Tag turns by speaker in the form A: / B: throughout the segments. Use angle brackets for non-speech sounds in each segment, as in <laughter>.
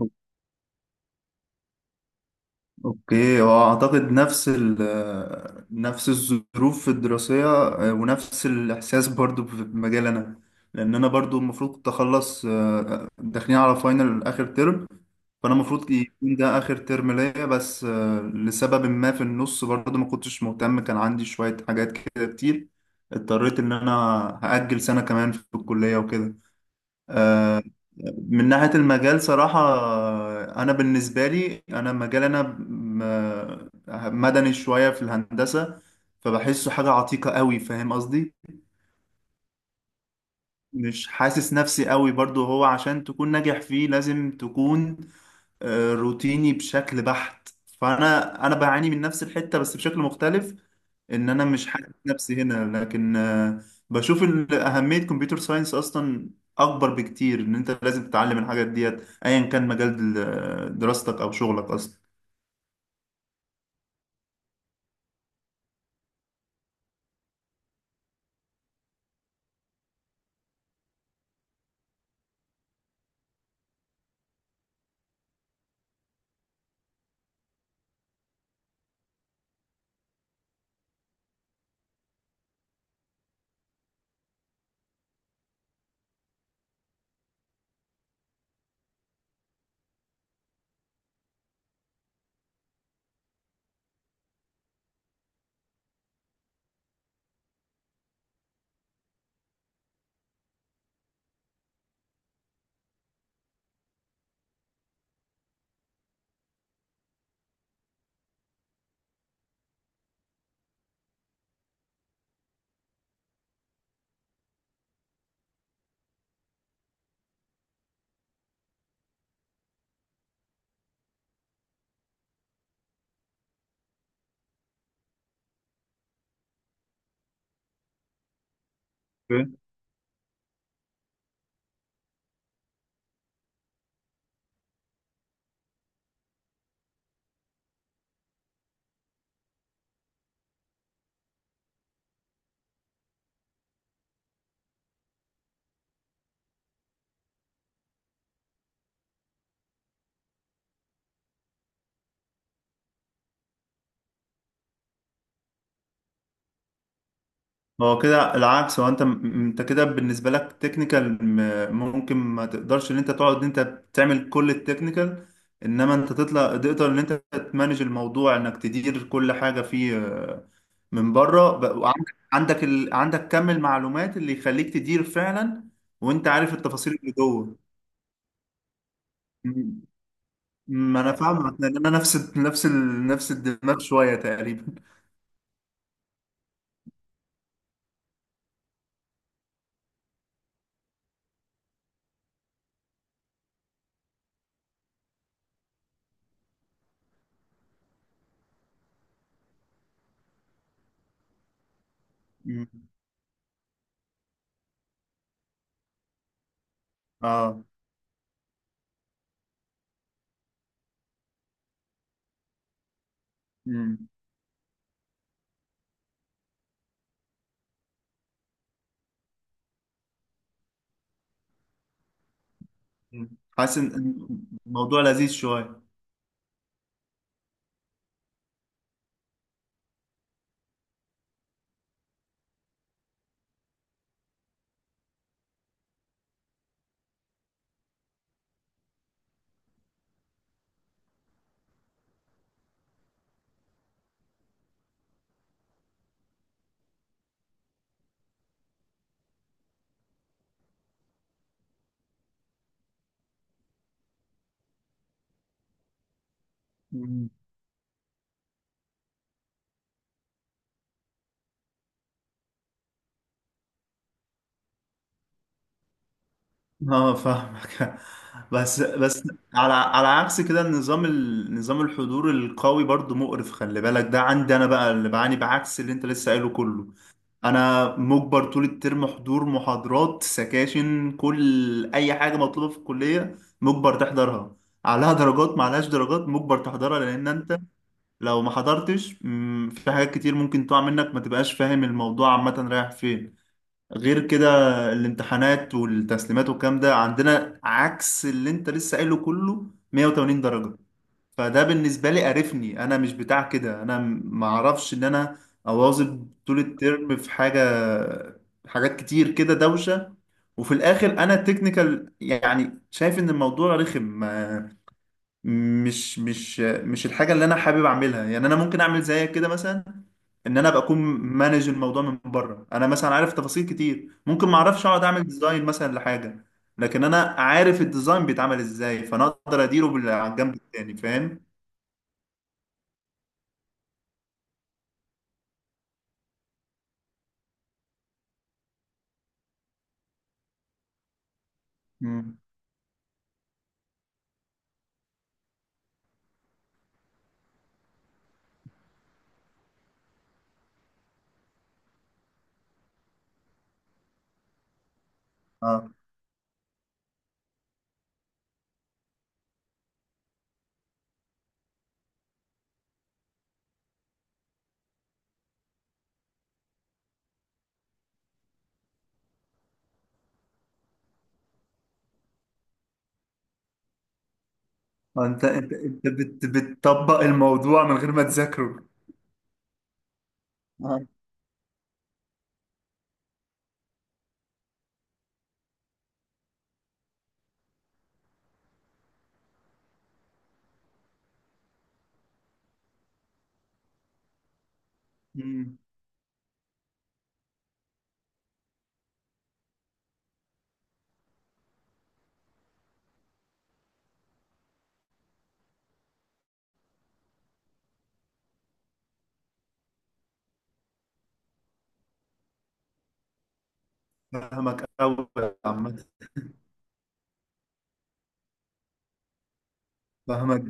A: أو- اوكي، هو اعتقد نفس نفس الظروف الدراسية، ونفس الاحساس برضو في مجال انا. لان انا برضو المفروض كنت اخلص، داخلين على فاينل اخر ترم. فانا المفروض يكون ده اخر ترم ليا، بس لسبب ما في النص برضو ما كنتش مهتم، كان عندي شوية حاجات كده كتير. اضطريت ان انا هأجل سنة كمان في الكلية وكده. آه، من ناحية المجال صراحة، أنا بالنسبة لي أنا مجال أنا مدني شوية في الهندسة، فبحسه حاجة عتيقة قوي، فاهم قصدي. مش حاسس نفسي قوي برضو، هو عشان تكون ناجح فيه لازم تكون روتيني بشكل بحت. فانا بعاني من نفس الحتة بس بشكل مختلف، ان انا مش حاسس نفسي هنا، لكن بشوف اهمية كمبيوتر ساينس اصلا اكبر بكتير، ان انت لازم تتعلم الحاجات ديت ايا كان مجال دراستك او شغلك اصلا. هو كده العكس، هو انت انت كده بالنسبه لك تكنيكال، ممكن ما تقدرش ان انت تقعد ان انت تعمل كل التكنيكال، انما انت تطلع تقدر ان انت تمانج الموضوع، انك تدير كل حاجه فيه، من بره وعندك عندك كم المعلومات اللي يخليك تدير فعلا، وانت عارف التفاصيل اللي جوه. م- ما انا فاهمك، لان انا نفس الدماغ شويه تقريبا. <laughs> م. اه. م. م. حاسس ان الموضوع لذيذ شويه. مم. اه، فاهمك. <laughs> بس بس. على عكس كده، النظام نظام الحضور القوي برضو مقرف، خلي بالك، ده عندي انا بقى اللي بعاني، بعكس اللي انت لسه قايله كله. انا مجبر طول الترم حضور محاضرات سكاشن، كل اي حاجه مطلوبه في الكليه مجبر تحضرها، عليها درجات ما عليهاش درجات مجبر تحضرها، لان انت لو ما حضرتش في حاجات كتير ممكن تقع منك، ما تبقاش فاهم الموضوع عامه رايح فين. غير كده، الامتحانات والتسليمات والكلام ده عندنا عكس اللي انت لسه قايله كله، 180 درجة. فده بالنسبة لي قرفني، انا مش بتاع كده، انا معرفش ان انا اواظب طول الترم في حاجة، حاجات كتير كده دوشة. وفي الاخر انا تكنيكال، يعني شايف ان الموضوع رخم، مش الحاجة اللي انا حابب اعملها، يعني انا ممكن اعمل زيك كده مثلا، ان انا ابقى اكون مانج الموضوع من بره، انا مثلا عارف تفاصيل كتير، ممكن ما اعرفش اقعد اعمل ديزاين مثلا لحاجه، لكن انا عارف الديزاين بيتعمل ازاي، فانا اقدر اديره على الجنب التاني، فاهم. مم. اه. انت انت انت بت بتطبق الموضوع من غير ما تذاكره. آه. مم. فاهمك قوي يا عم. فاهمك.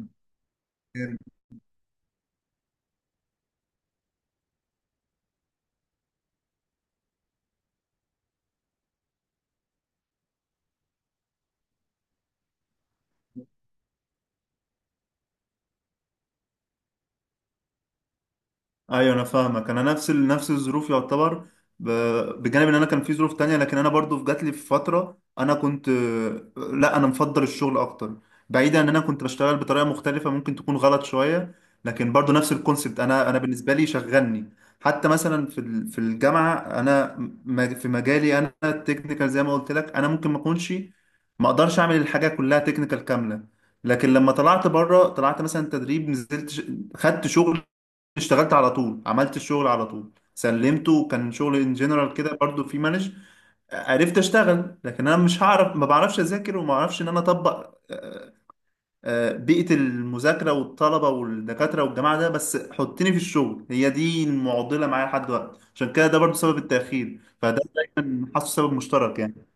A: ايوه، انا فاهمك، انا نفس الظروف يعتبر. ب... بجانب ان انا كان في ظروف تانية، لكن انا برضو جات لي في فتره انا كنت، لا انا مفضل الشغل اكتر. بعيدا، ان انا كنت بشتغل بطريقه مختلفه ممكن تكون غلط شويه، لكن برضو نفس الكونسبت، انا بالنسبه لي شغلني. حتى مثلا في الجامعه، انا في مجالي انا التكنيكال زي ما قلت لك، انا ممكن ما اكونش، ما اقدرش اعمل الحاجه كلها تكنيكال كامله. لكن لما طلعت بره، طلعت مثلا تدريب، نزلت خدت شغل، اشتغلت على طول، عملت الشغل على طول، سلمته، وكان شغل ان جنرال كده برضو في مانج، عرفت اشتغل. لكن انا مش هعرف، ما بعرفش اذاكر، وما بعرفش ان انا اطبق بيئة المذاكرة والطلبة والدكاترة والجماعة ده، بس حطني في الشغل، هي دي المعضلة معايا لحد دلوقتي، عشان كده ده برضو سبب التأخير، فده دايما حاسه سبب مشترك يعني.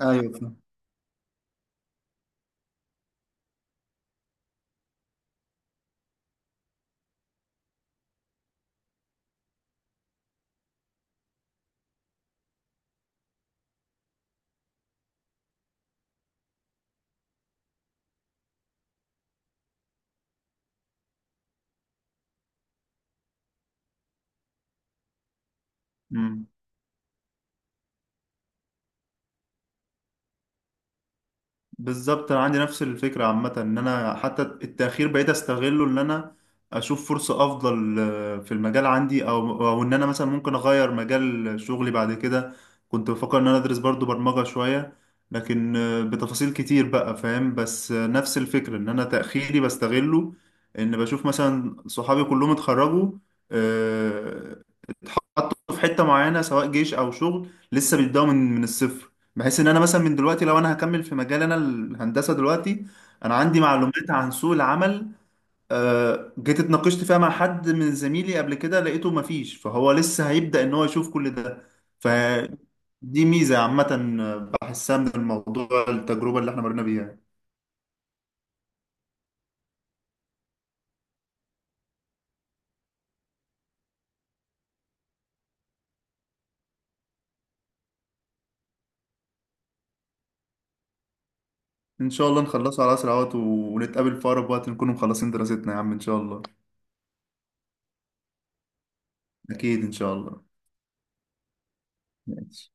A: ايوه، فاهم. مم. بالظبط، انا عندي نفس الفكره عامه، ان انا حتى التاخير بقيت استغله، ان انا اشوف فرصه افضل في المجال عندي، او ان انا مثلا ممكن اغير مجال شغلي بعد كده. كنت بفكر ان انا ادرس برضو برمجه شويه، لكن بتفاصيل كتير بقى، فاهم، بس نفس الفكره، ان انا تاخيري بستغله، ان بشوف مثلا صحابي كلهم اتخرجوا، آه، حطه في حته معينه سواء جيش او شغل، لسه بيبداوا من الصفر، بحيث ان انا مثلا من دلوقتي، لو انا هكمل في مجال انا الهندسه دلوقتي، انا عندي معلومات عن سوق العمل، جيت اتناقشت فيها مع حد من زميلي قبل كده، لقيته مفيش، فهو لسه هيبدا ان هو يشوف كل ده. فدي ميزه عامه بحسها من الموضوع، التجربه اللي احنا مرينا بيها. ان شاء الله نخلصه على اسرع وقت، ونتقابل في اقرب وقت نكون مخلصين دراستنا، يا عم ان شاء الله. اكيد ان شاء الله. ماشي.